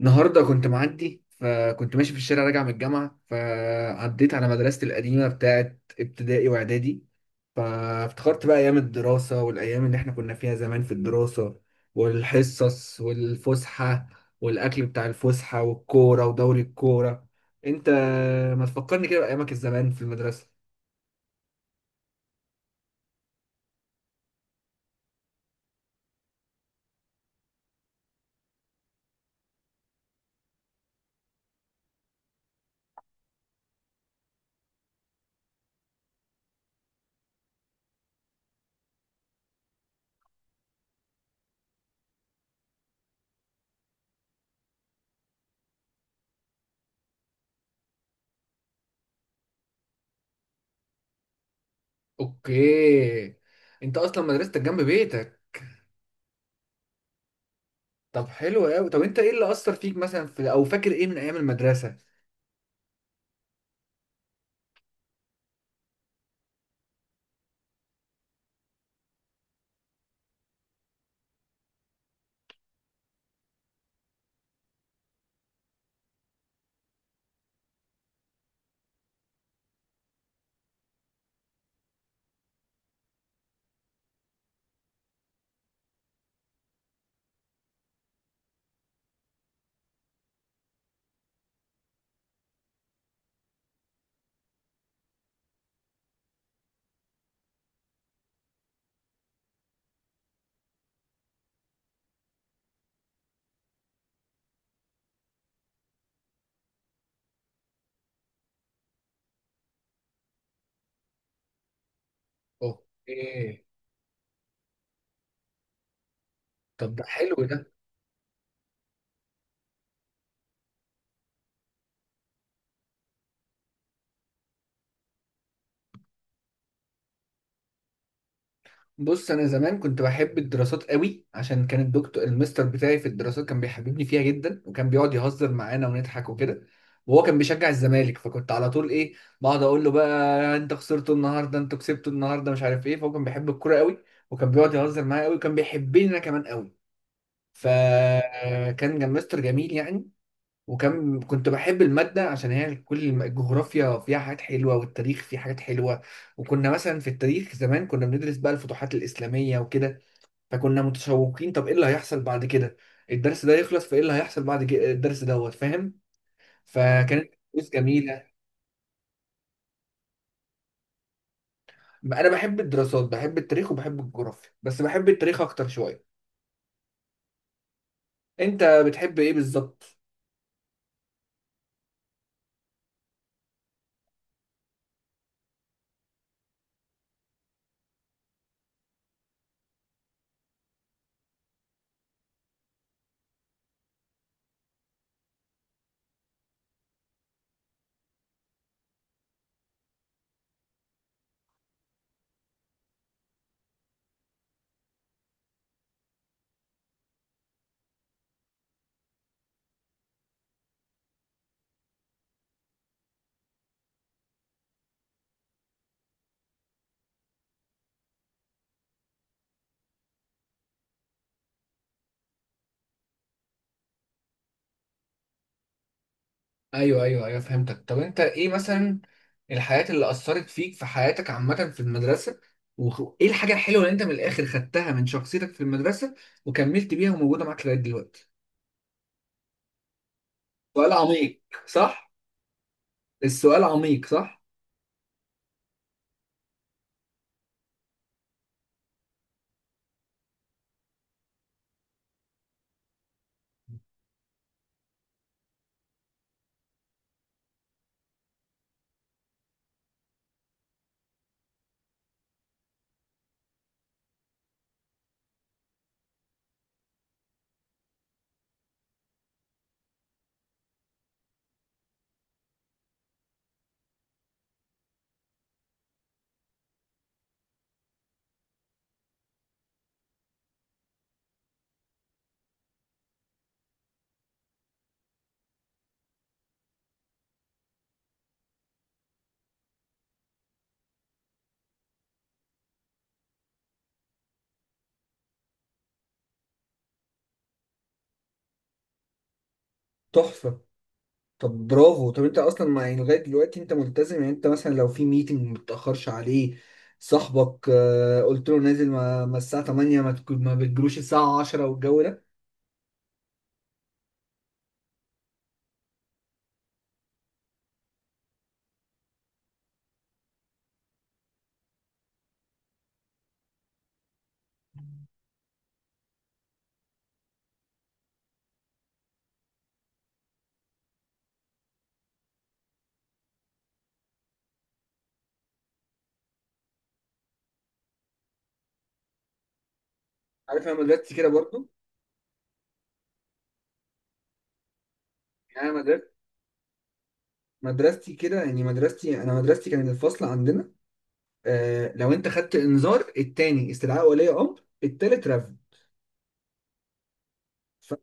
النهارده كنت معدي فكنت ماشي في الشارع راجع من الجامعة فعديت على مدرستي القديمة بتاعت ابتدائي وإعدادي. فافتكرت بقى أيام الدراسة والأيام اللي إحنا كنا فيها زمان في الدراسة، والحصص والفسحة، والأكل بتاع الفسحة والكورة ودوري الكورة. أنت ما تفكرني كده بأيامك الزمان في المدرسة. أوكي، أنت أصلا مدرستك جنب بيتك. طب حلو أوي، طب أنت إيه اللي أثر فيك مثلا في أو فاكر إيه من أيام المدرسة؟ اوكي، طب ده حلو ده. بص انا زمان كنت بحب الدراسات قوي عشان كان الدكتور المستر بتاعي في الدراسات كان بيحببني فيها جدا، وكان بيقعد يهزر معانا ونضحك وكده. وهو كان بيشجع الزمالك فكنت على طول ايه، بقعد اقول له بقى انت خسرتوا النهارده انتوا كسبتوا النهارده مش عارف ايه، فهو كان بيحب الكوره قوي، وكان بيقعد يهزر معايا قوي وكان بيحبني انا كمان قوي. فكان مستر جميل يعني. وكان كنت بحب المادة عشان هي كل الجغرافيا فيها حاجات حلوة والتاريخ فيه حاجات حلوة. وكنا مثلا في التاريخ زمان كنا بندرس بقى الفتوحات الإسلامية وكده، فكنا متشوقين طب إيه اللي هيحصل بعد كده الدرس ده يخلص، فإيه اللي هيحصل بعد كده الدرس دوت فاهم. اه، فكانت دروس جميلة. أنا بحب الدراسات، بحب التاريخ وبحب الجغرافيا، بس بحب التاريخ أكتر شوية. أنت بتحب إيه بالظبط؟ ايوه ايوه ايوه، فهمتك. طب انت ايه مثلا الحاجات اللي اثرت فيك في حياتك عامه في المدرسه، وايه الحاجه الحلوه اللي انت من الاخر خدتها من شخصيتك في المدرسه وكملت بيها وموجوده معاك لغايه دلوقتي؟ سؤال عميق صح؟ السؤال عميق صح. تحفة. طب برافو، طب انت اصلا ما يعني لغايه دلوقتي انت ملتزم، يعني انت مثلا لو في ميتنج ما بتاخرش عليه صاحبك. قلت له نازل ما الساعه 8، ما بتجروش الساعه 10 والجو ده. عارف انا مدرستي كده برضو، يعني انا مدرستي كده، يعني مدرستي انا مدرستي كان الفصل عندنا آه لو انت خدت انذار، التاني استدعاء ولي امر، التالت رفض. ف-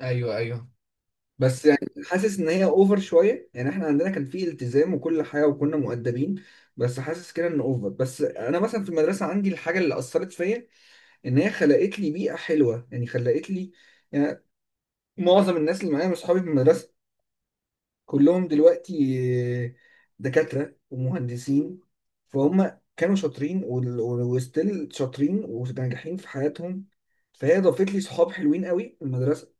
ايوه ايوه، بس يعني حاسس ان هي اوفر شويه، يعني احنا عندنا كان فيه التزام وكل حاجه وكنا مؤدبين، بس حاسس كده ان اوفر. بس انا مثلا في المدرسه عندي الحاجه اللي اثرت فيا ان هي خلقت لي بيئه حلوه، يعني خلقت لي يعني معظم الناس اللي معايا من اصحابي في المدرسه كلهم دلوقتي آه، دكاترة ومهندسين، فهم كانوا شاطرين وستيل شاطرين وناجحين في حياتهم. فهي ضافت لي صحاب حلوين قوي في المدرسة.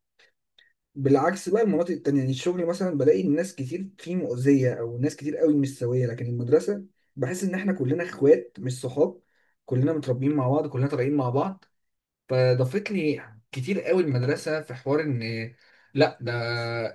بالعكس بقى المناطق التانية يعني الشغل مثلا بلاقي ناس كتير فيه مؤذية أو ناس كتير قوي مش سوية، لكن المدرسة بحس إن إحنا كلنا إخوات مش صحاب، كلنا متربيين مع بعض كلنا طالعين مع بعض. فضافت لي كتير قوي المدرسة في حوار ان لا، ده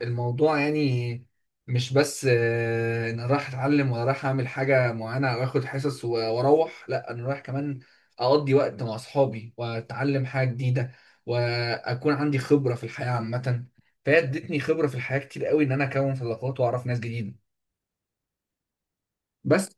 الموضوع يعني مش بس ان أنا رايح اتعلم ولا رايح اعمل حاجة معينة او اخد حصص واروح. لا انا رايح كمان اقضي وقت مع اصحابي واتعلم حاجة جديدة واكون عندي خبرة في الحياة عامة. فهي ادتني خبرة في الحياة كتير قوي ان انا اكون صداقات واعرف ناس جديدة بس.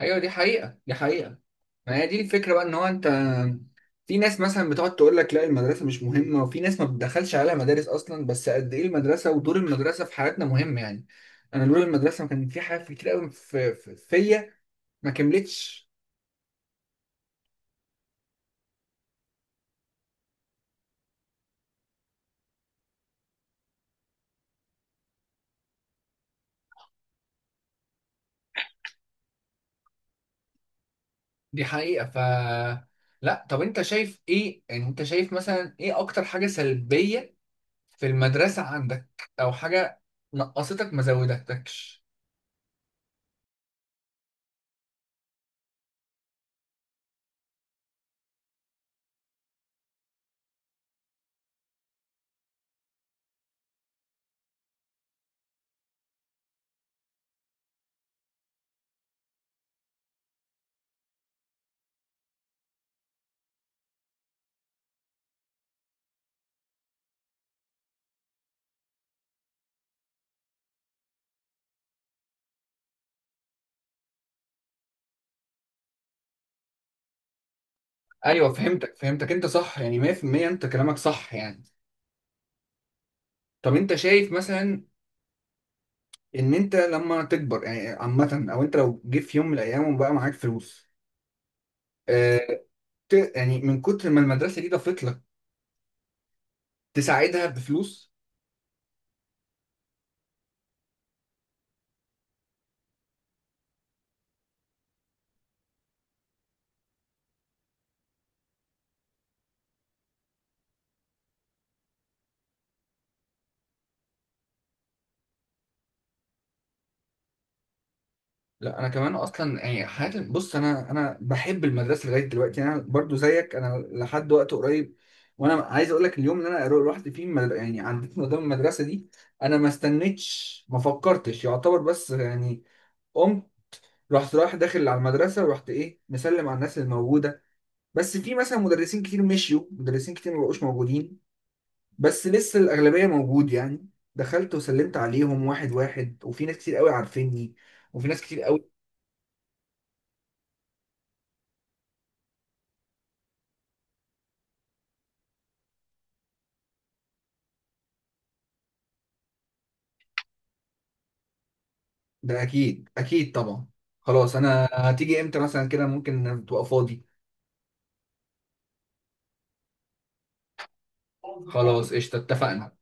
ايوه دي حقيقة دي حقيقة. ما هي دي الفكرة بقى ان هو انت في ناس مثلا بتقعد تقول لك لا المدرسة مش مهمة، وفي ناس ما بتدخلش عليها مدارس اصلا، بس قد ايه المدرسة ودور المدرسة في حياتنا مهم يعني. انا دور المدرسة كان في حاجات كتير قوي فيا ما كملتش. دي حقيقة. ف لا طب انت شايف ايه، يعني انت شايف مثلا ايه اكتر حاجة سلبية في المدرسة عندك، او حاجة نقصتك ما زودتكش؟ ايوه فهمتك فهمتك، انت صح يعني 100% انت كلامك صح يعني. طب انت شايف مثلا ان انت لما تكبر يعني عامه، او انت لو جه في يوم من الايام وبقى معاك فلوس، آه، يعني من كتر ما المدرسه دي ضافت لك، تساعدها بفلوس؟ لا انا كمان اصلا يعني حياتي، بص انا انا بحب المدرسه لغايه دلوقتي، يعني انا برضو زيك. انا لحد وقت قريب وانا عايز اقول لك اليوم اللي انا رحت فيه يعني عديت من قدام المدرسه دي، انا ما استنيتش ما فكرتش يعتبر، بس يعني قمت رحت رايح داخل على المدرسه، ورحت ايه مسلم على الناس الموجوده. بس في مثلا مدرسين كتير مشيوا، مدرسين كتير مبقوش موجودين، بس لسه الأغلبية موجود يعني. دخلت وسلمت عليهم واحد واحد، وفي ناس كتير قوي عارفيني، وفي ناس كتير قوي. ده أكيد أكيد طبعا. خلاص، أنا هتيجي إمتى مثلا كده ممكن تبقى فاضي؟ خلاص قشطة اتفقنا.